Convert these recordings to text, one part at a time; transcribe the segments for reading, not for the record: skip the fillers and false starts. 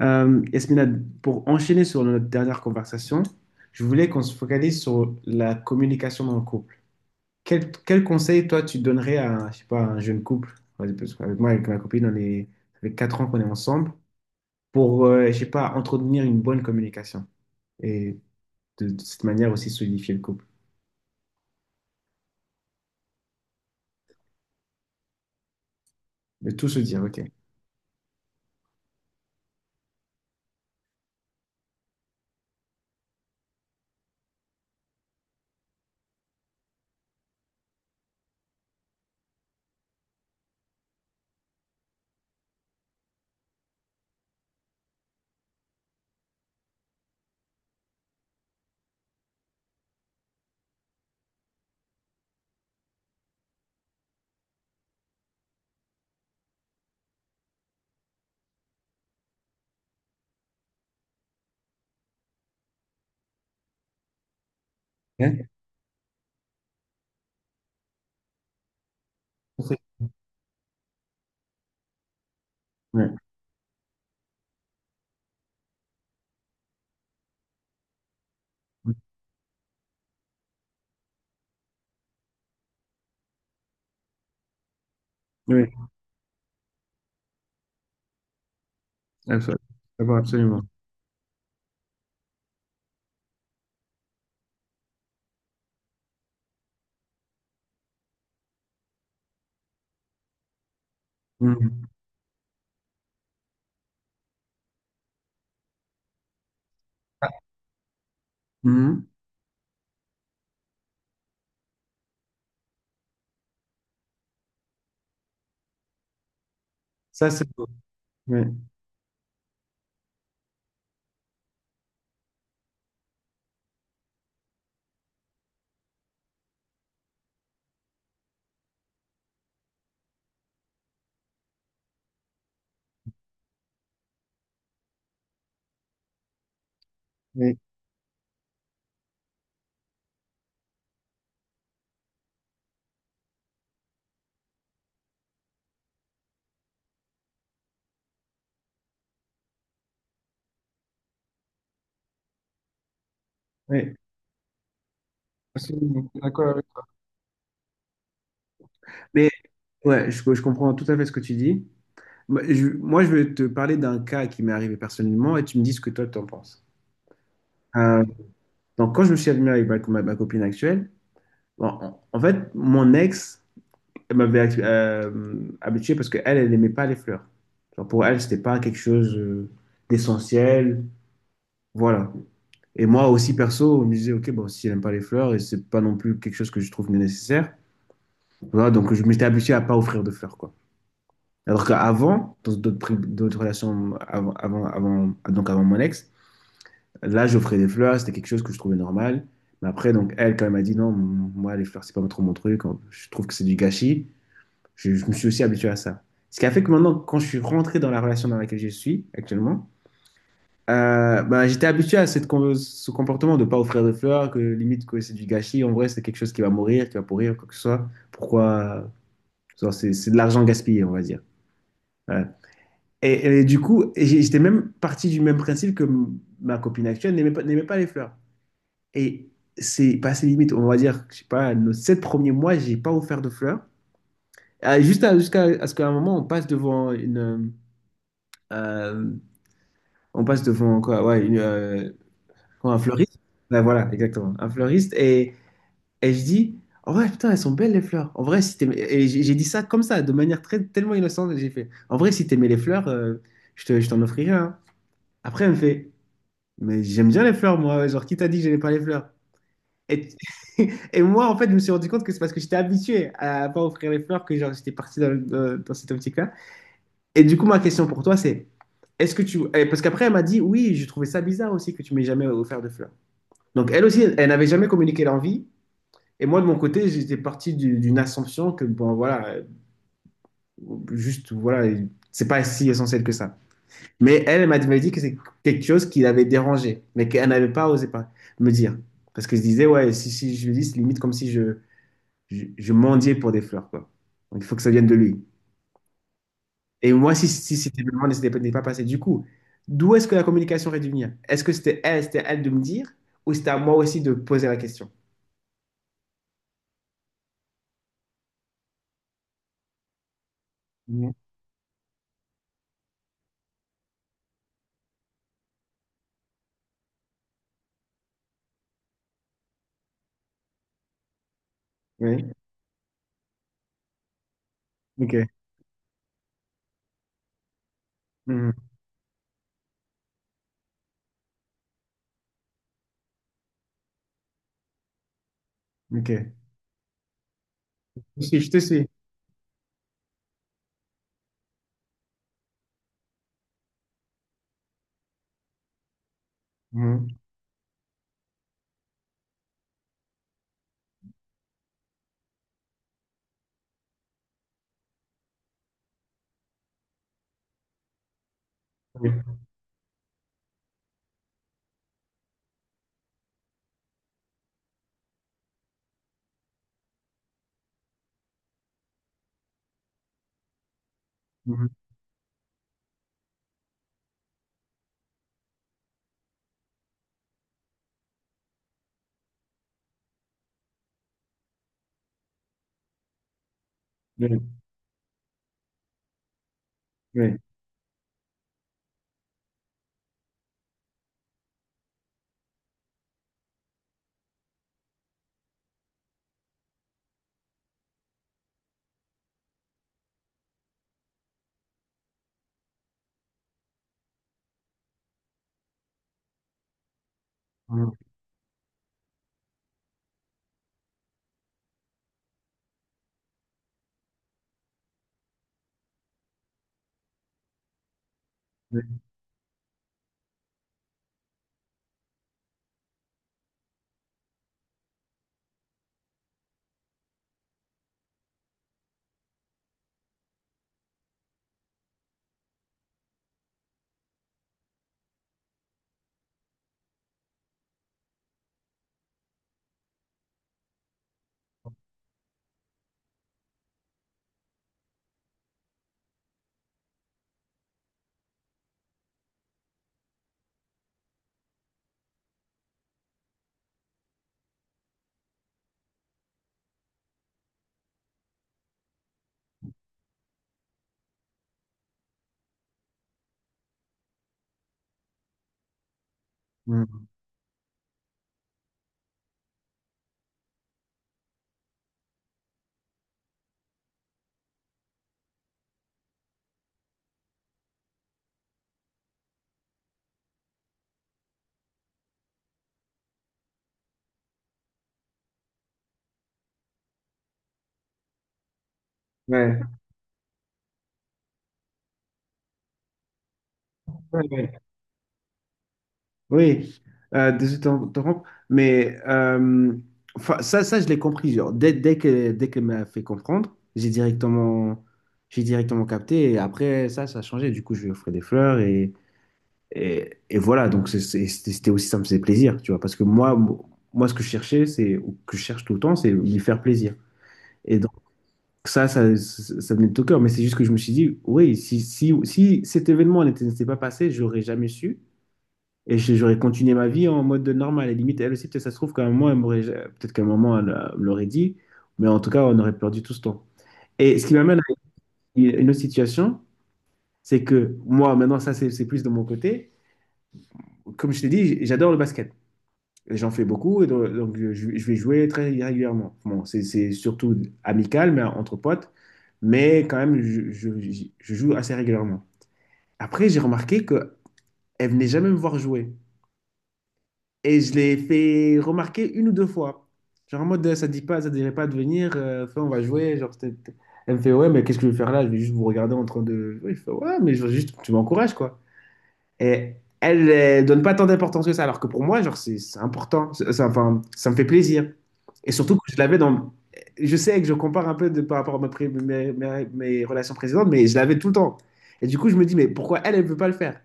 Yasmina, pour enchaîner sur notre dernière conversation, je voulais qu'on se focalise sur la communication dans le couple. Quel conseil, toi, tu donnerais à, je sais pas, un jeune couple? Vas-y, parce qu'avec moi, avec ma copine, on est, ça fait 4 ans qu'on est ensemble, pour, je sais pas, entretenir une bonne communication et de cette manière aussi solidifier le couple. De tout se dire, ok. Hein. Ouais. Oui, absolument. D'abord, absolument. Mhm. Mhm. Ça, c'est beau. Oui, oui, oui, absolument. D'accord avec toi. Mais ouais, je comprends tout à fait ce que tu dis. Moi, je vais te parler d'un cas qui m'est arrivé personnellement et tu me dis ce que toi, tu en penses. Euh, donc, quand je me suis admis avec ma copine actuelle, bon, en fait, mon ex elle m'avait habitué parce qu'elle, elle n'aimait pas les fleurs. Genre, pour elle, c'était pas quelque chose d'essentiel. Voilà. Et moi aussi, perso, je me disais, OK, bon, si elle n'aime pas les fleurs, et c'est pas non plus quelque chose que je trouve nécessaire. Voilà, donc je m'étais habitué à pas offrir de fleurs, quoi. Alors qu'avant, dans d'autres relations donc avant mon ex, là, j'offrais des fleurs, c'était quelque chose que je trouvais normal. Mais après, donc, elle, quand elle m'a dit non, moi, les fleurs, c'est pas trop mon truc, je trouve que c'est du gâchis, je me suis aussi habitué à ça. Ce qui a fait que maintenant, quand je suis rentré dans la relation dans laquelle je suis actuellement, j'étais habitué à ce comportement de ne pas offrir de fleurs, que limite que c'est du gâchis. En vrai, c'est quelque chose qui va mourir, qui va pourrir, quoi que ce soit. Pourquoi? C'est de l'argent gaspillé, on va dire. Ouais. Et du coup, j'étais même parti du même principe que ma copine actuelle n'aimait pas les fleurs. Et c'est passé limite. On va dire, je sais pas, nos sept premiers mois, j'ai pas offert de fleurs. Ah, jusqu'à à ce qu'à un moment, on passe devant une, euh, on passe devant quoi, ouais, une, quoi, un fleuriste. Ouais, voilà, exactement, un fleuriste. Et je dis, oh ouais, putain, elles sont belles les fleurs. En vrai, si t'aimais- et j'ai dit ça comme ça, de manière très tellement innocente. J'ai fait, en vrai, si t'aimais les fleurs, je t'en offrirais, hein. Après, elle me fait. Mais j'aime bien les fleurs, moi. Genre, qui t'a dit que j'aimais pas les fleurs? Et, et moi, en fait, je me suis rendu compte que c'est parce que j'étais habitué à pas offrir les fleurs que genre, j'étais parti dans cette optique-là. Et du coup, ma question pour toi, c'est est-ce que tu. Parce qu'après, elle m'a dit oui, je trouvais ça bizarre aussi que tu m'aies jamais offert de fleurs. Donc, elle aussi, elle n'avait jamais communiqué l'envie. Et moi, de mon côté, j'étais parti d'une assumption que, bon, voilà, juste, voilà, c'est pas si essentiel que ça. Mais elle, elle m'avait dit que c'est quelque chose qui l'avait dérangée, mais qu'elle n'avait pas osé pas me dire. Parce que je disais, ouais, si je lui dis, c'est limite comme si je mendiais pour des fleurs, quoi. Donc il faut que ça vienne de lui. Et moi, si c'était vraiment moment, ne s'était pas n'était pas passé. Du coup, d'où est-ce que la communication aurait dû venir? Est-ce que c'était elle de me dire, ou c'était à moi aussi de poser la question? Mhm. Oui, ok. Mhm. Ok. Je te suis, je te suis. Mhm. Oui. Mhm. Oui. Oui. Mhm. Oui. Mhm. Ouais. Ouais, ouais. Oui, désolé de t'interrompre, mais enfin, je l'ai compris. Genre, dès qu'elle m'a fait comprendre, j'ai directement capté. Et après, ça a changé. Du coup, je lui ai offert des fleurs et voilà. Donc, c'était aussi, ça me faisait plaisir, tu vois. Parce que ce que je cherchais, c'est, ou que je cherche tout le temps, c'est lui faire plaisir. Et donc, ça venait de tout cœur. Mais c'est juste que je me suis dit, oui, si cet événement n'était pas passé, j'aurais jamais su. Et j'aurais continué ma vie en mode normal. Et limite, elle aussi, peut-être ça se trouve qu'à un moment, elle m'aurait, peut-être qu'à un moment, elle me l'aurait dit. Mais en tout cas, on aurait perdu tout ce temps. Et ce qui m'amène à une autre situation, c'est que moi, maintenant, ça, c'est plus de mon côté. Comme je t'ai dit, j'adore le basket. Et j'en fais beaucoup, et je vais jouer très régulièrement. Bon, c'est surtout amical, mais entre potes. Mais quand même, je joue assez régulièrement. Après, j'ai remarqué qu'elle venait jamais me voir jouer. Et je l'ai fait remarquer une ou deux fois. Genre en mode, ça dirait pas de venir, enfin, on va jouer. Genre, elle me fait, ouais, mais qu'est-ce que je vais faire là? Je vais juste vous regarder en train de. Oui, je fais, ouais, mais je juste, tu m'encourages, quoi. Et elle, elle donne pas tant d'importance que ça, alors que pour moi, genre, c'est important. Enfin, ça me fait plaisir. Et surtout que je l'avais dans. Je sais que je compare un peu de, par rapport à ma pré- mes, mes- mes relations précédentes, mais je l'avais tout le temps. Et du coup, je me dis, mais pourquoi elle, elle ne veut pas le faire?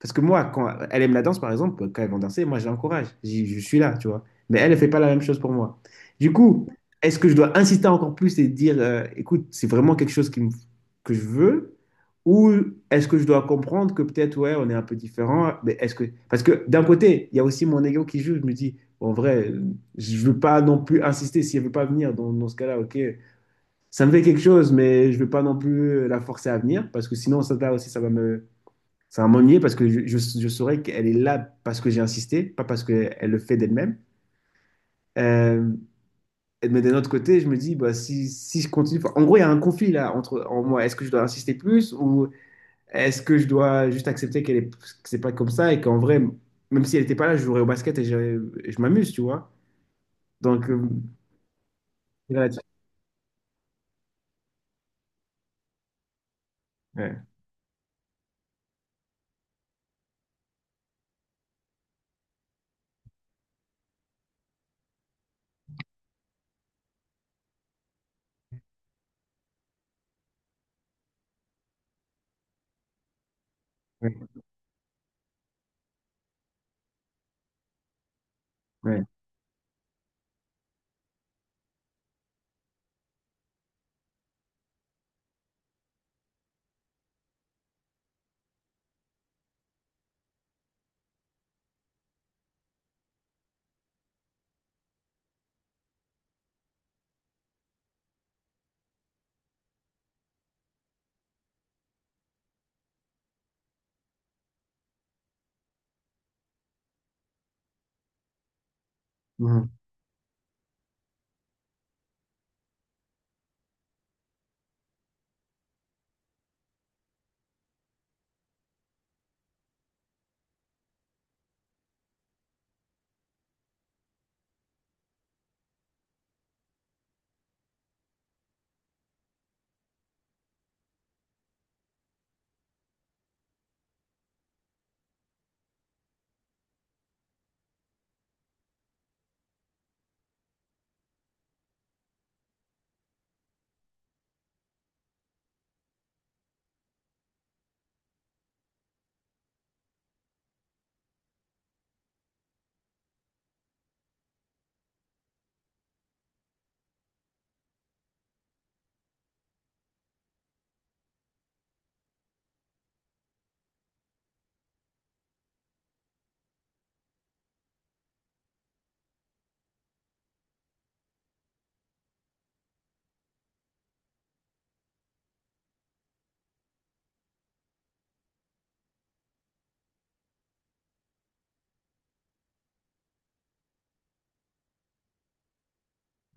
Parce que moi, quand elle aime la danse, par exemple, quand elles vont danser, moi, je l'encourage. Je suis là, tu vois. Mais elle ne fait pas la même chose pour moi. Du coup, est-ce que je dois insister encore plus et dire, écoute, c'est vraiment quelque chose que je veux? Ou est-ce que je dois comprendre que peut-être, ouais, on est un peu différent, mais est-ce que... Parce que d'un côté, il y a aussi mon ego qui joue. Je me dis, bon, en vrai, je veux pas non plus insister si elle veut pas venir. Dans ce cas-là, ok, ça me fait quelque chose, mais je veux pas non plus la forcer à venir parce que sinon, ça, là aussi, ça va m'ennuyer parce que je saurais qu'elle est là parce que j'ai insisté, pas parce qu'elle le fait d'elle-même. Euh, mais d'un autre côté, je me dis, bah, si je continue. Enfin, en gros, il y a un conflit là entre en moi. Est-ce que je dois insister plus ou est-ce que je dois juste accepter qu'elle est, que c'est pas comme ça et qu'en vrai, même si elle n'était pas là, je jouerais au basket et je m'amuse, tu vois. Donc, c'est là-dessus. Ouais, ouais, ouais. Mhm.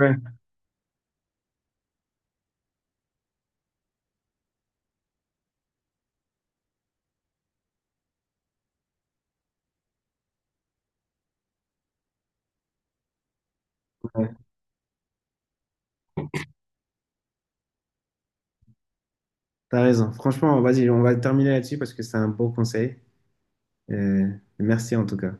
Ouais, ouais. T'as raison. Franchement, vas-y, on va terminer là-dessus parce que c'est un beau conseil. Euh, Merci en tout cas.